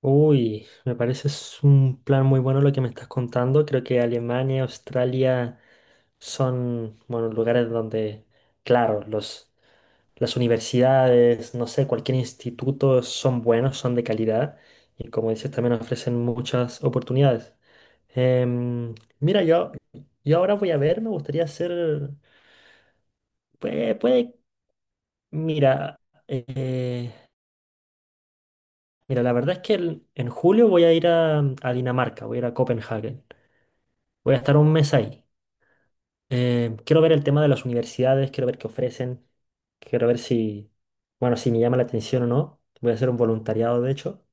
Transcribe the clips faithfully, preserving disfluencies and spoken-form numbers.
Uy, me parece es un plan muy bueno lo que me estás contando. Creo que Alemania, Australia son, bueno, lugares donde, claro, los, las universidades, no sé, cualquier instituto son buenos, son de calidad y como dices, también ofrecen muchas oportunidades. Em, mira, yo, yo ahora voy a ver, me gustaría hacer, puede, puede, mira, eh, mira, la verdad es que el- en julio voy a ir a, a Dinamarca, voy a ir a Copenhague. Voy a estar un mes ahí. Eh, quiero ver el tema de las universidades, quiero ver qué ofrecen, quiero ver si, bueno, si me llama la atención o no. Voy a hacer un voluntariado, de hecho,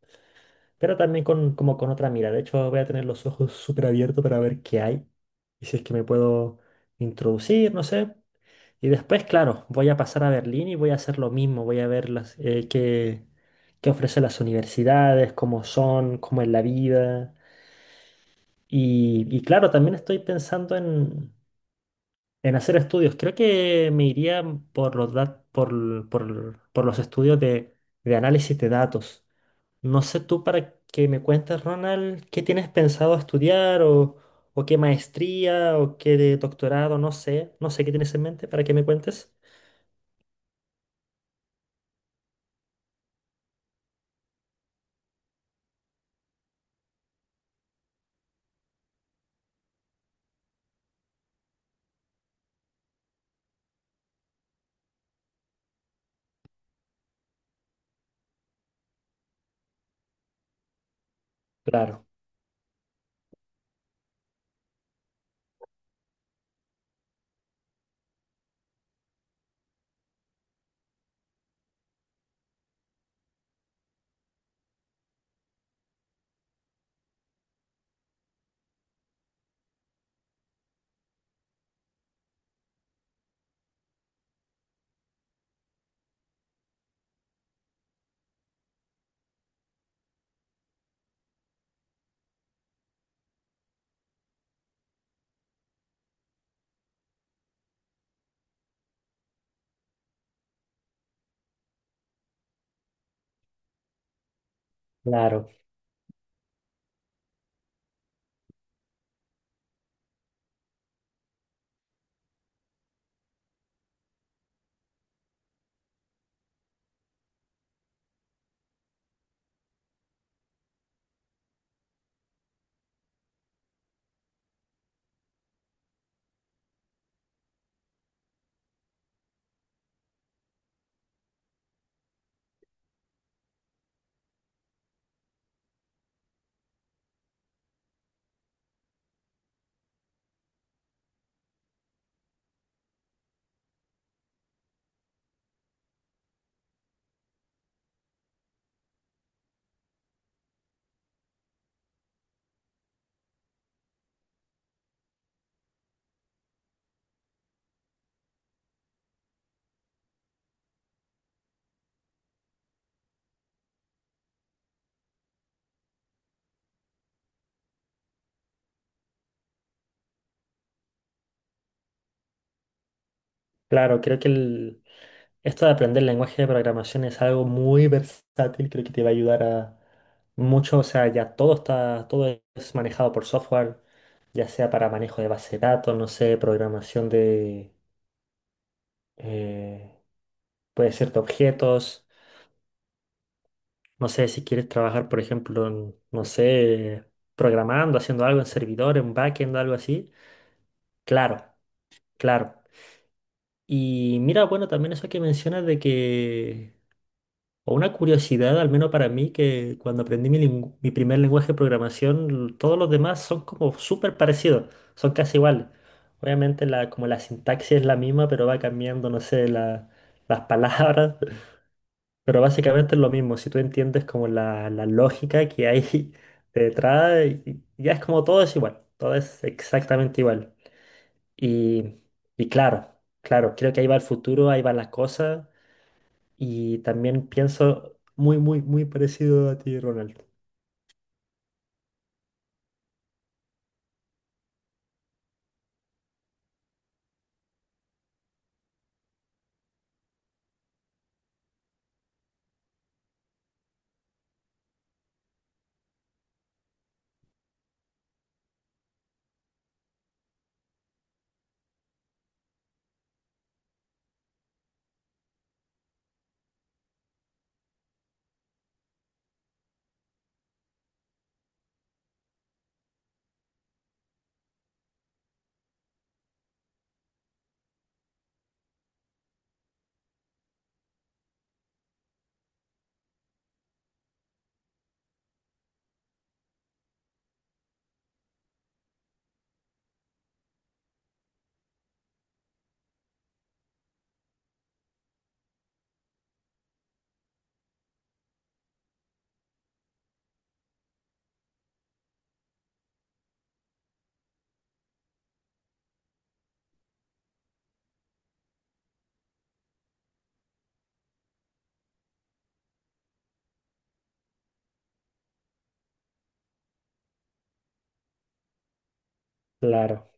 pero también con, como con otra mira. De hecho, voy a tener los ojos súper abiertos para ver qué hay y si es que me puedo introducir, no sé. Y después, claro, voy a pasar a Berlín y voy a hacer lo mismo. Voy a ver las, eh, qué, qué ofrecen las universidades, cómo son, cómo es la vida. Y, y claro, también estoy pensando en... En hacer estudios, creo que me iría por los, dat- por, por- por los estudios de, de análisis de datos. No sé tú para que me cuentes, Ronald, qué tienes pensado estudiar o, o qué maestría o qué de doctorado, no sé, no sé qué tienes en mente para que me cuentes. Claro, claro, claro, creo que el, esto de aprender lenguaje de programación es algo muy versátil, creo que te va a ayudar a mucho, o sea, ya todo está, todo es manejado por software, ya sea para manejo de base de datos, no sé, programación de, eh, puede ser de objetos, no sé, si quieres trabajar, por ejemplo, en, no sé, programando, haciendo algo en servidores, un backend, algo así, claro, claro. Y mira, bueno, también eso que mencionas de que o una curiosidad, al menos para mí, que cuando aprendí mi, lingu- mi primer lenguaje de programación, todos los demás son como súper parecidos, son casi iguales. Obviamente la, como la sintaxis es la misma, pero va cambiando, no sé, la- las palabras, pero básicamente es lo mismo. Si tú entiendes como la, la lógica que hay detrás, y- y ya es como todo es igual, todo es exactamente igual. Y, y claro, claro, creo que ahí va el futuro, ahí van las cosas. Y también pienso muy, muy, muy parecido a ti, Ronald. Claro,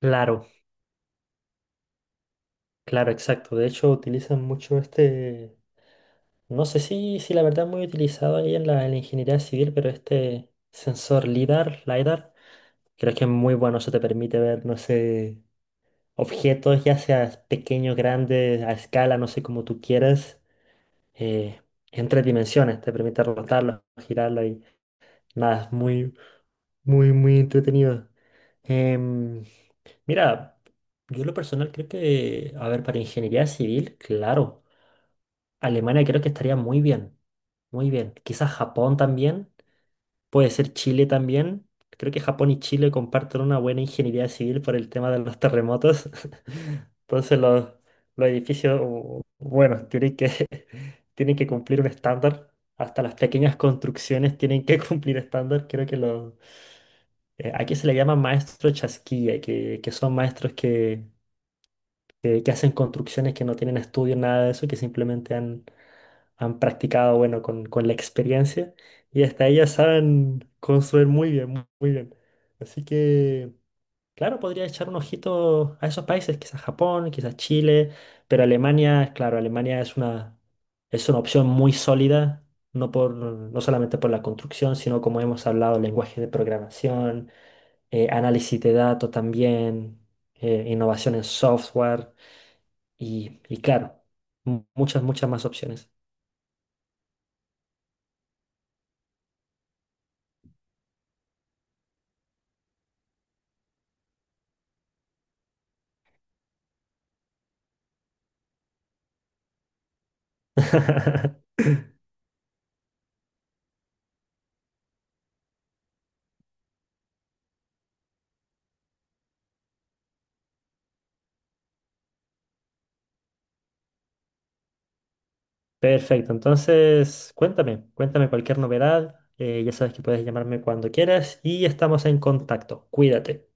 claro, claro, exacto. De hecho, utilizan mucho este, no sé si, si la verdad es muy utilizado ahí en la, en la ingeniería civil, pero este sensor LIDAR, LIDAR, creo que es muy bueno. Eso te permite ver, no sé, objetos, ya sea pequeños, grandes, a escala, no sé, como tú quieras, eh, en tres dimensiones. Te permite rotarlo, girarlo y nada, es muy, muy, muy entretenido. Em, Mira, yo en lo personal creo que, a ver, para ingeniería civil, claro, Alemania creo que estaría muy bien, muy bien. Quizás Japón también, puede ser Chile también. Creo que Japón y Chile comparten una buena ingeniería civil por el tema de los terremotos. Entonces los, los edificios, u- bueno, tienen que, tienen que cumplir un estándar. Hasta las pequeñas construcciones tienen que cumplir estándar. Creo que los... eh, aquí se le llama maestro chasquilla, que, que son maestros que que, que hacen construcciones que no tienen estudio, nada de eso, que simplemente han, han practicado, bueno, con, con la experiencia y hasta ellas saben construir muy bien, mu- muy bien. Así que, claro, podría echar un ojito a esos países, quizás Japón, quizás Chile, pero Alemania, claro, Alemania es una, es una opción muy sólida. No, por, no solamente por la construcción, sino como hemos hablado, lenguaje de programación, eh, análisis de datos también, eh, innovación en software. Y, y claro, mu- muchas, muchas más opciones. Perfecto, entonces cuéntame, cuéntame cualquier novedad. eh, ya sabes que puedes llamarme cuando quieras y estamos en contacto. Cuídate.